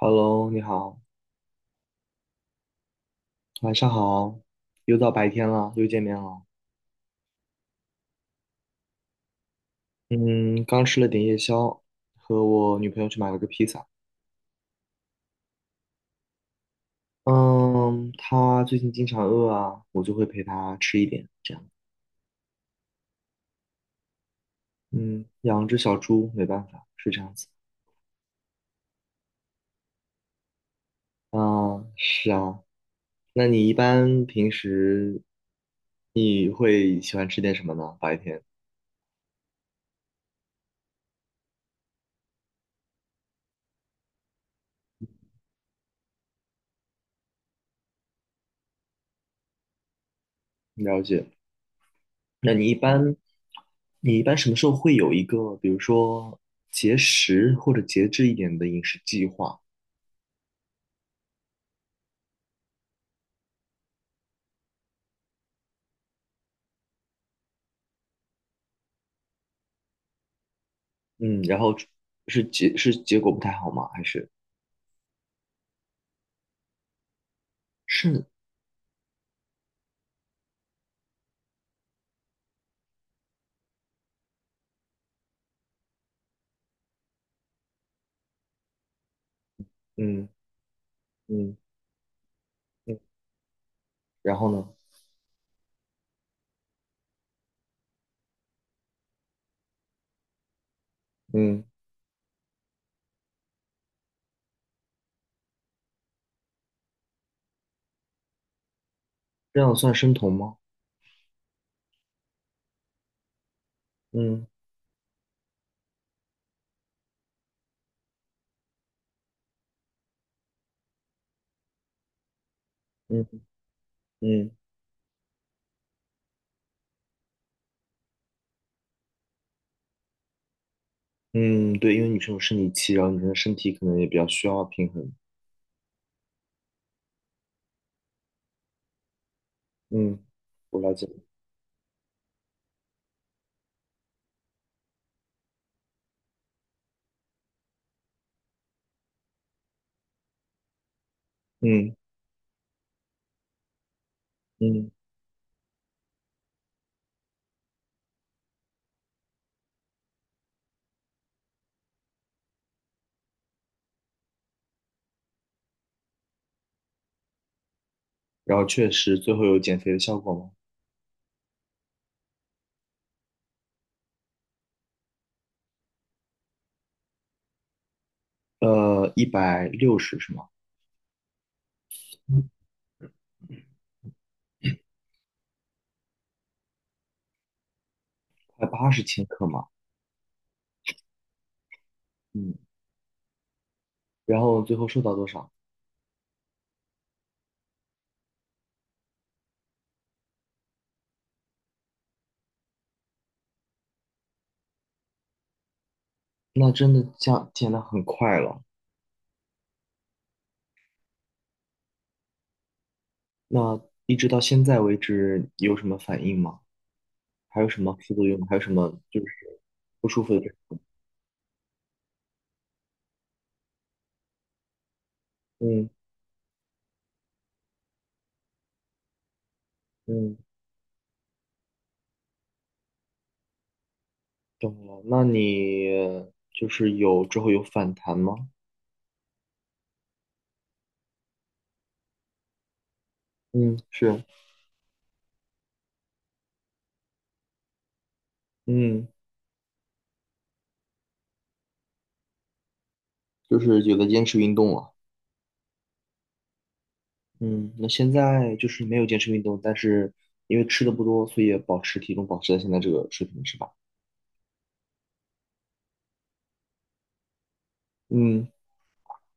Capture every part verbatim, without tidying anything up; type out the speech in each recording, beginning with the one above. Hello，你好，晚上好，又到白天了，又见面了。嗯，刚吃了点夜宵，和我女朋友去买了个披萨。嗯，她最近经常饿啊，我就会陪她吃一点，这样。嗯，养只小猪没办法，是这样子。啊，是啊，那你一般平时你会喜欢吃点什么呢？白天，了解。那你一般，你一般什么时候会有一个，比如说节食或者节制一点的饮食计划？嗯，然后是结是结果不太好吗？还是是嗯嗯嗯，然后呢？嗯，这样算生酮吗？嗯嗯嗯嗯，对，因为女生有生理期，然后女生的身体可能也比较需要平衡。嗯，我了解。嗯。嗯。然后确实最后有减肥的效果吗？呃，一百六十是吗？嗯，快八十千克嘛。嗯，然后最后瘦到多少？那真的降减的很快了。那一直到现在为止有什么反应吗？还有什么副作用？还有什么就是不舒服的地方。嗯。嗯，懂了。那你就是有之后有反弹吗？嗯，是，嗯，就是有的坚持运动了。嗯，那现在就是没有坚持运动，但是因为吃的不多，所以也保持体重保持在现在这个水平，是吧？嗯，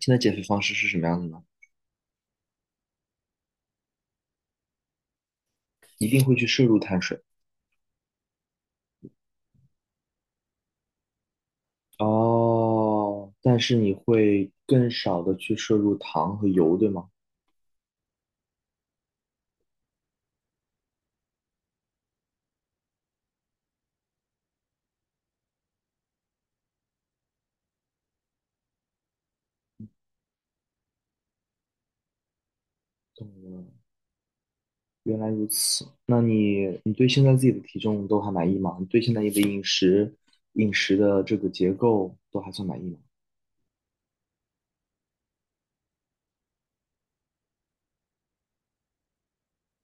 现在减肥方式是什么样的呢？一定会去摄入碳水。哦，但是你会更少的去摄入糖和油，对吗？懂了，原来如此。那你你对现在自己的体重都还满意吗？你对现在你的饮食饮食的这个结构都还算满意吗？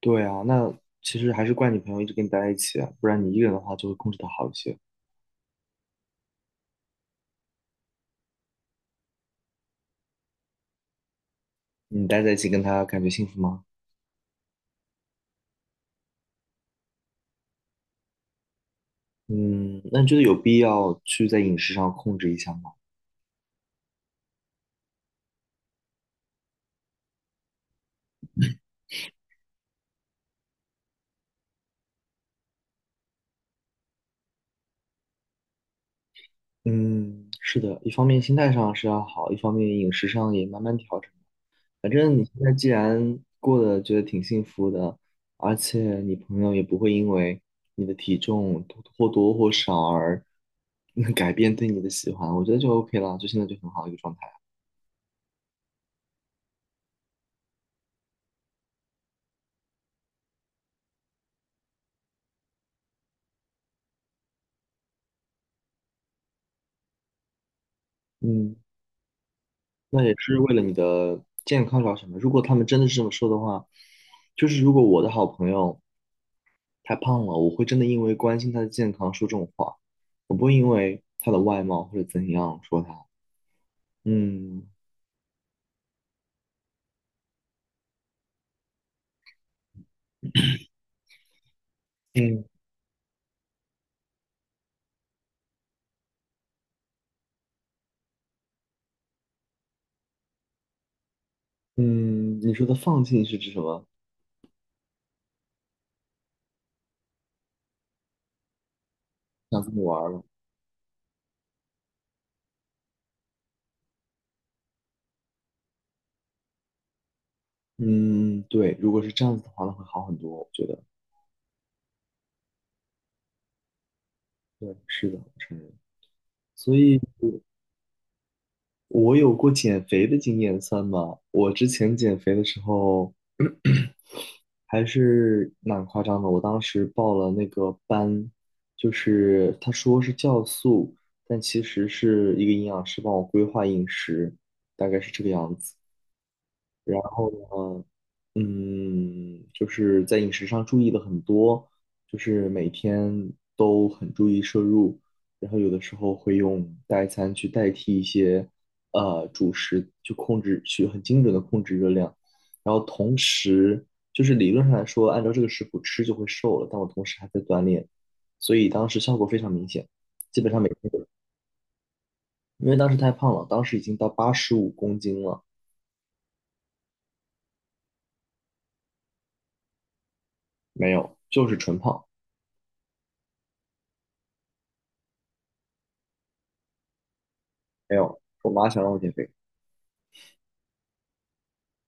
对啊，那其实还是怪你朋友一直跟你待在一起啊不然你一个人的话就会控制的好一些。你待在一起跟他感觉幸福吗？嗯，那你觉得有必要去在饮食上控制一下吗？嗯，是的，一方面心态上是要好，一方面饮食上也慢慢调整。反正你现在既然过得觉得挺幸福的，而且你朋友也不会因为你的体重或多或少而 改变对你的喜欢，我觉得就 OK 了，就现在就很好的一个状态。嗯，那也是为了你的健康着想的。如果他们真的是这么说的话，就是如果我的好朋友太胖了，我会真的因为关心他的健康说这种话，我不会因为他的外貌或者怎样说他。嗯。嗯。嗯，你说的放弃是指什么？想这么玩儿了。嗯，对，如果是这样子的话，那会好很多，我觉得。对，是的，我承认。所以我，我有过减肥的经验，算吗？我之前减肥的时候，还是蛮夸张的。我当时报了那个班，就是他说是酵素，但其实是一个营养师帮我规划饮食，大概是这个样子。然后呢？嗯，就是在饮食上注意的很多，就是每天都很注意摄入，然后有的时候会用代餐去代替一些呃主食，去控制，去很精准的控制热量。然后同时，就是理论上来说，按照这个食谱吃就会瘦了，但我同时还在锻炼，所以当时效果非常明显，基本上每天都，因为当时太胖了，当时已经到八十五公斤了，没有，就是纯胖，没有。我妈想让我减肥。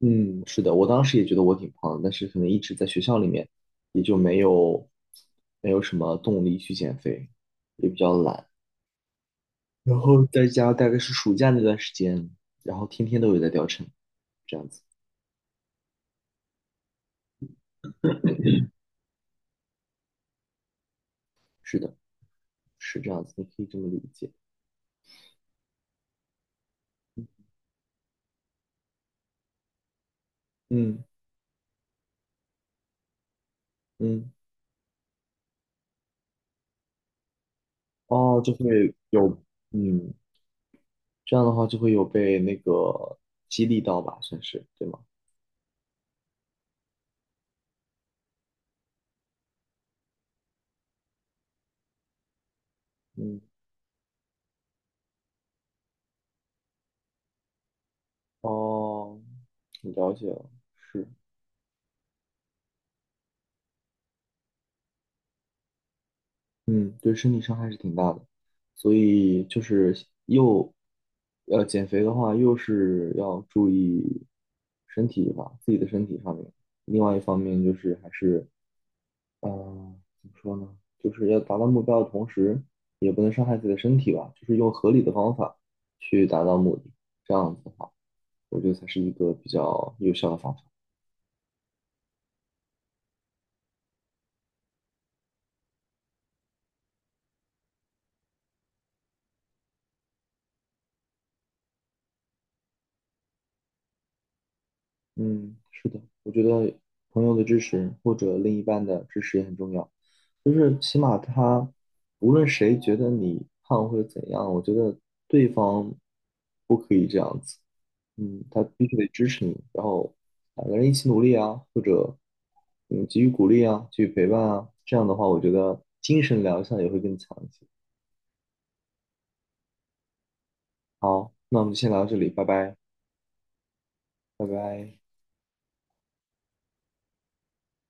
嗯，是的，我当时也觉得我挺胖的但是可能一直在学校里面，也就没有没有什么动力去减肥，也比较懒。然后在家大概是暑假那段时间，然后天天都有在掉秤，这样子。是的，是这样子，你可以这么理解。嗯。嗯。哦，就会有，嗯，这样的话就会有被那个激励到吧，算是，对吗？嗯，哦，了解了，是。嗯，对身体伤害是挺大的，所以就是又呃，减肥的话，又是要注意身体吧，自己的身体上面。另外一方面就是还是，嗯、怎么说呢？就是要达到目标的同时，也不能伤害自己的身体吧，就是用合理的方法去达到目的。这样子的话，我觉得才是一个比较有效的方法。嗯，是的，我觉得朋友的支持或者另一半的支持也很重要，就是起码他无论谁觉得你胖或者怎样，我觉得对方不可以这样子，嗯，他必须得支持你，然后两个人一起努力啊，或者嗯给予鼓励啊，给予陪伴啊，这样的话，我觉得精神疗效也会更强一些。好，那我们就先聊到这里，拜拜，拜拜。